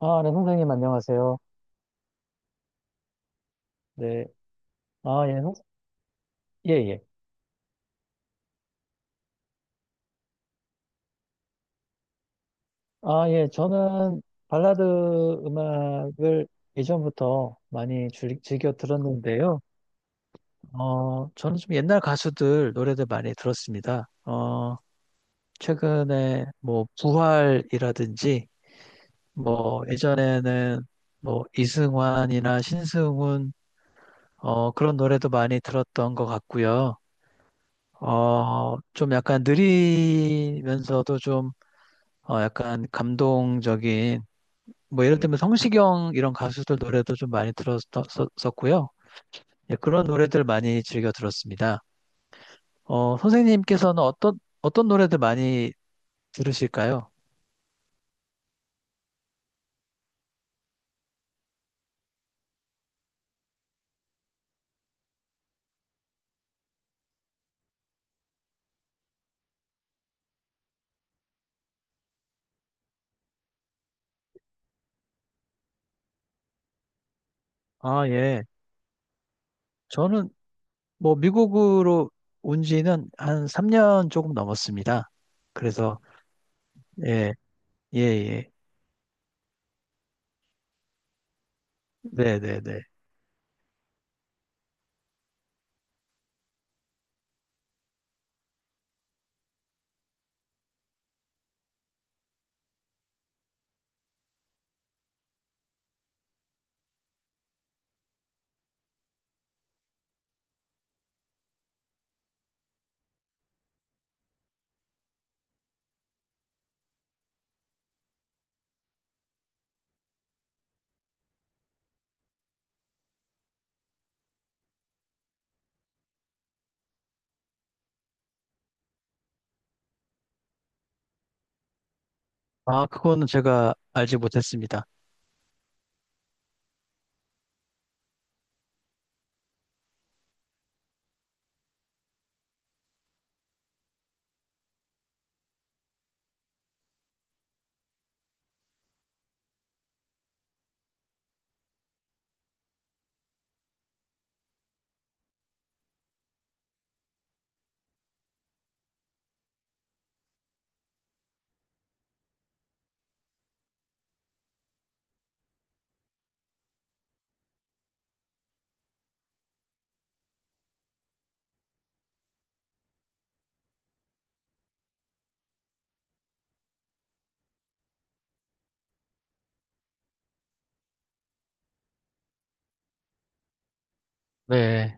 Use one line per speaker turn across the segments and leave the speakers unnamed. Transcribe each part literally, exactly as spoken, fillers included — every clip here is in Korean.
아, 네, 선생님, 안녕하세요. 네. 아, 예, 선- 예, 예. 아, 예, 저는 발라드 음악을 예전부터 많이 즐, 즐겨 들었는데요. 어, 저는 좀 옛날 가수들 노래들 많이 들었습니다. 어, 최근에 뭐, 부활이라든지, 뭐, 예전에는 뭐, 이승환이나 신승훈, 어, 그런 노래도 많이 들었던 것 같고요. 어, 좀 약간 느리면서도 좀 어, 약간 감동적인, 뭐 예를 들면 성시경 이런 가수들 노래도 좀 많이 들었었고요. 예, 그런 노래들 많이 즐겨 들었습니다. 어, 선생님께서는 어떤, 어떤 노래들 많이 들으실까요? 아, 예. 저는 뭐 미국으로 온 지는 한 삼 년 조금 넘었습니다. 그래서, 예, 예, 예. 네, 네, 네. 아, 그거는 제가 알지 못했습니다. 네,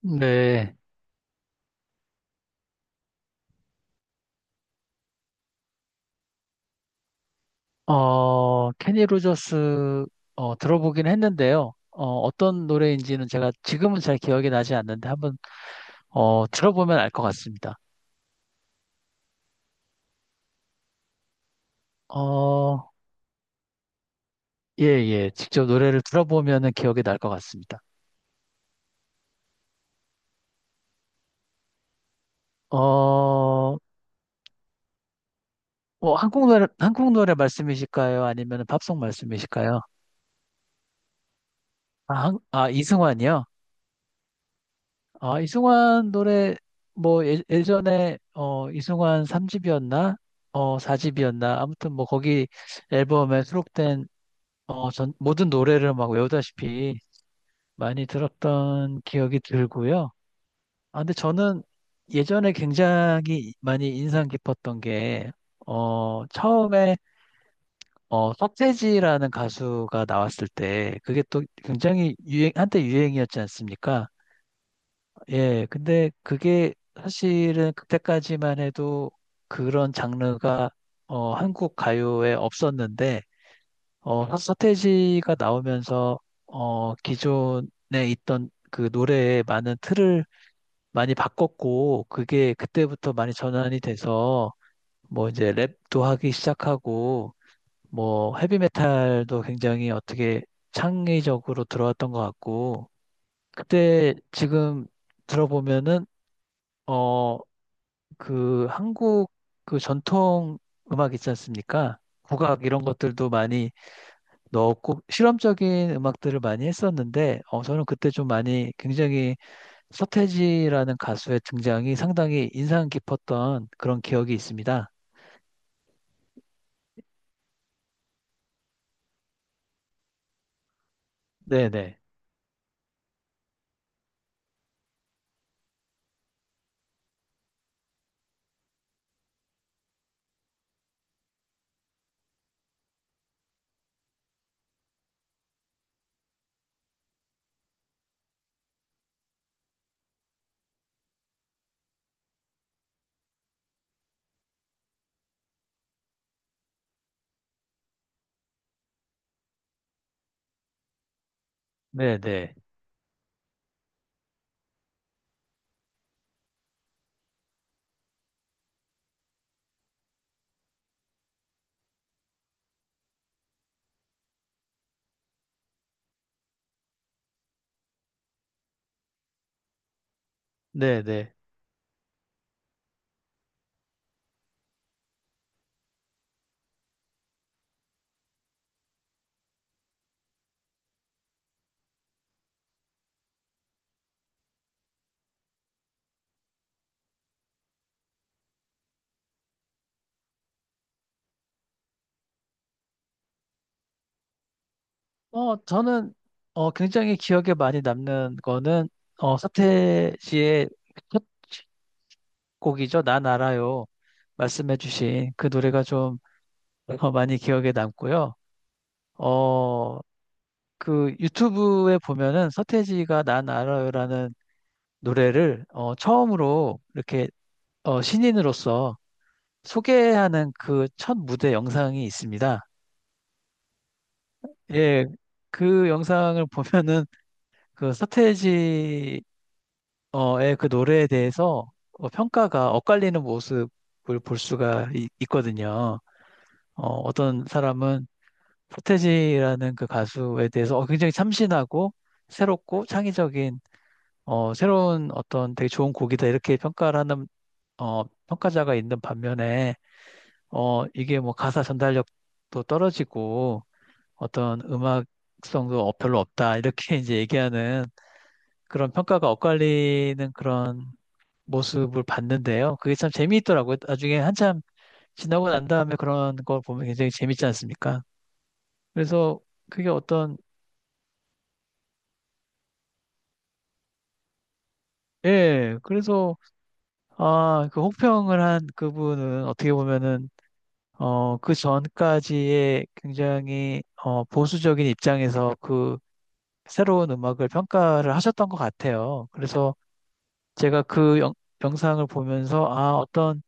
네. 어, 케니 로저스 어, 들어보긴 했는데요. 어, 떤 노래인지는 제가 지금은 잘 기억이 나지 않는데 한번 어, 들어보면 알 것 같습니다. 어, 예, 예. 직접 노래를 들어보면은 기억이 날 것 같습니다. 어, 뭐 한국 노래 한국 노래 말씀이실까요? 아니면 팝송 말씀이실까요? 아, 한- 아, 이승환이요? 아, 이승환 노래 뭐 예, 예전에 어, 이승환 삼 집이었나? 어, 사 집이었나? 아무튼 뭐 거기 앨범에 수록된 어, 전 모든 노래를 막 외우다시피 많이 들었던 기억이 들고요. 아, 근데 저는 예전에 굉장히 많이 인상 깊었던 게, 어, 처음에, 어, 서태지라는 가수가 나왔을 때, 그게 또 굉장히 유행, 한때 유행이었지 않습니까? 예, 근데 그게 사실은 그때까지만 해도 그런 장르가, 어, 한국 가요에 없었는데, 어, 사- 서태지가 나오면서 어, 기존에 있던 그 노래의 많은 틀을 많이 바꿨고 그게 그때부터 많이 전환이 돼서 뭐 이제 랩도 하기 시작하고 뭐 헤비메탈도 굉장히 어떻게 창의적으로 들어왔던 것 같고 그때 지금 들어보면은 어, 그 한국 그 전통 음악 있지 않습니까? 국악 이런 것들도 많이 넣었고 실험적인 음악들을 많이 했었는데 어, 저는 그때 좀 많이 굉장히 서태지라는 가수의 등장이 상당히 인상 깊었던 그런 기억이 있습니다. 네네. 네네. 네네. 어, 저는 어, 굉장히 기억에 많이 남는 거는 어, 서태지의 첫 곡이죠. 난 알아요. 말씀해주신 그 노래가 좀 어, 많이 기억에 남고요. 어, 그 유튜브에 보면은 서태지가 난 알아요라는 노래를 어, 처음으로 이렇게 어, 신인으로서 소개하는 그 첫 무대 영상이 있습니다. 예, 그 영상을 보면은 그 서태지의 그 노래에 대해서 어, 평가가 엇갈리는 모습을 볼 수가 있, 거든요. 어, 떤 사람은 서태지라는 그 가수에 대해서 어, 굉장히 참신하고 새롭고 창의적인 어, 새로운 어떤 되게 좋은 곡이다 이렇게 평가를 하는 어, 평가자가 있는 반면에 어, 이게 뭐 가사 전달력도 떨어지고 어떤 음악성도 어- 별로 없다. 이렇게 이제 얘기하는 그런 평가가 엇갈리는 그런 모습을 봤는데요. 그게 참 재미있더라고요. 나중에 한참 지나고 난 다음에 그런 걸 보면 굉장히 재밌지 않습니까? 그래서 그게 어떤, 예, 그래서 아, 그 혹평을 한 그분은 어떻게 보면은 어, 그 전까지의 굉장히 어, 보수적인 입장에서 그 새로운 음악을 평가를 하셨던 것 같아요. 그래서 제가 그 영, 영상을 보면서 아, 어떤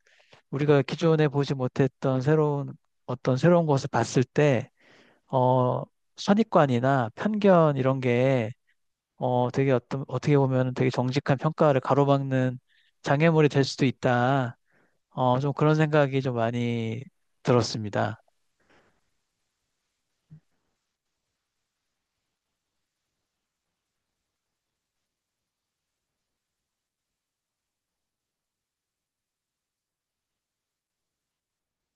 우리가 기존에 보지 못했던 새로운 어떤 새로운 것을 봤을 때 어, 선입관이나 편견 이런 게 어, 되게 어떤 어떻게 보면 되게 정직한 평가를 가로막는 장애물이 될 수도 있다. 어, 좀 그런 생각이 좀 많이 들었습니다.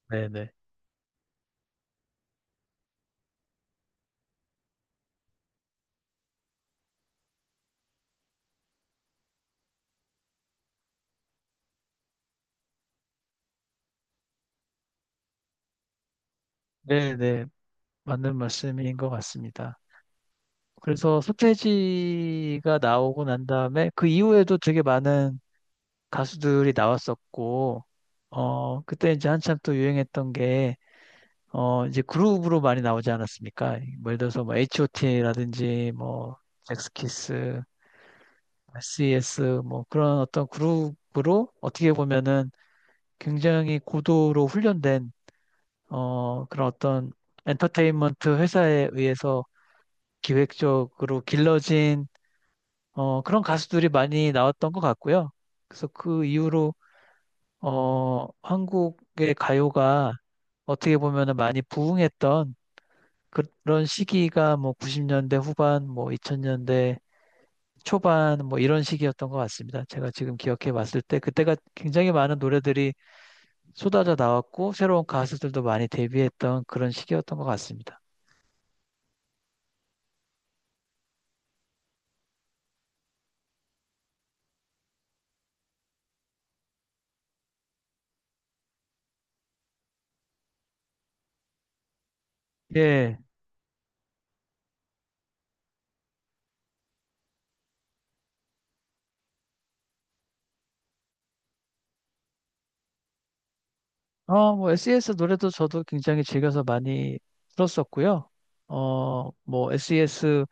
네네. 네네. 맞는 말씀인 것 같습니다. 그래서 서태지가 나오고 난 다음에 그 이후에도 되게 많은 가수들이 나왔었고, 어, 그때 이제 한참 또 유행했던 게, 어, 이제 그룹으로 많이 나오지 않았습니까? 뭐 예를 들어서 뭐 에이치오티라든지 뭐 잭스키스, 에스이에스 뭐 그런 어떤 그룹으로 어떻게 보면은 굉장히 고도로 훈련된, 어, 그런 어떤 엔터테인먼트 회사에 의해서 기획적으로 길러진 어, 그런 가수들이 많이 나왔던 것 같고요. 그래서 그 이후로 어, 한국의 가요가 어떻게 보면 많이 부흥했던 그런 시기가 뭐 구십 년대 후반, 뭐 이천 년대 초반 뭐 이런 시기였던 것 같습니다. 제가 지금 기억해 봤을 때 그때가 굉장히 많은 노래들이 쏟아져 나왔고 새로운 가수들도 많이 데뷔했던 그런 시기였던 것 같습니다. 예. 어, 뭐 에스이에스 노래도 저도 굉장히 즐겨서 많이 들었었고요. 어, 뭐 에스이에스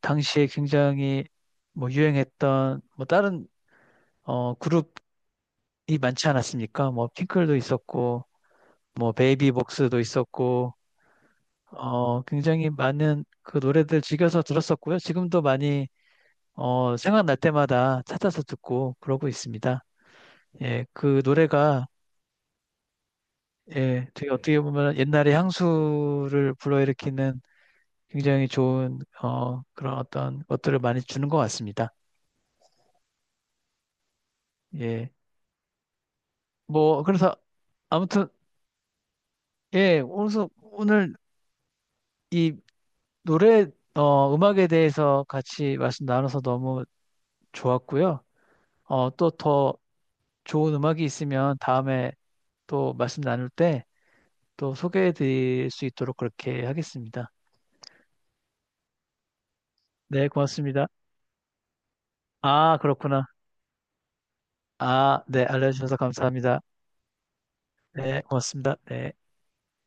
당시에 굉장히 뭐 유행했던 뭐 다른 어 그룹이 많지 않았습니까? 뭐 핑클도 있었고 뭐 베이비복스도 있었고 어 굉장히 많은 그 노래들 즐겨서 들었었고요. 지금도 많이 어 생각날 때마다 찾아서 듣고 그러고 있습니다. 예, 그 노래가 예, 되게 어떻게 보면 옛날의 향수를 불러일으키는 굉장히 좋은 어 그런 어떤 것들을 많이 주는 것 같습니다. 예. 뭐 그래서 아무튼 예, 오늘서 오늘 이 노래, 어, 음악에 대해서 같이 말씀 나눠서 너무 좋았고요. 어, 또 더 좋은 음악이 있으면 다음에 또 말씀 나눌 때 또 소개해 드릴 수 있도록 그렇게 하겠습니다. 네, 고맙습니다. 아, 그렇구나. 아, 네, 알려주셔서 감사합니다. 네, 고맙습니다. 네.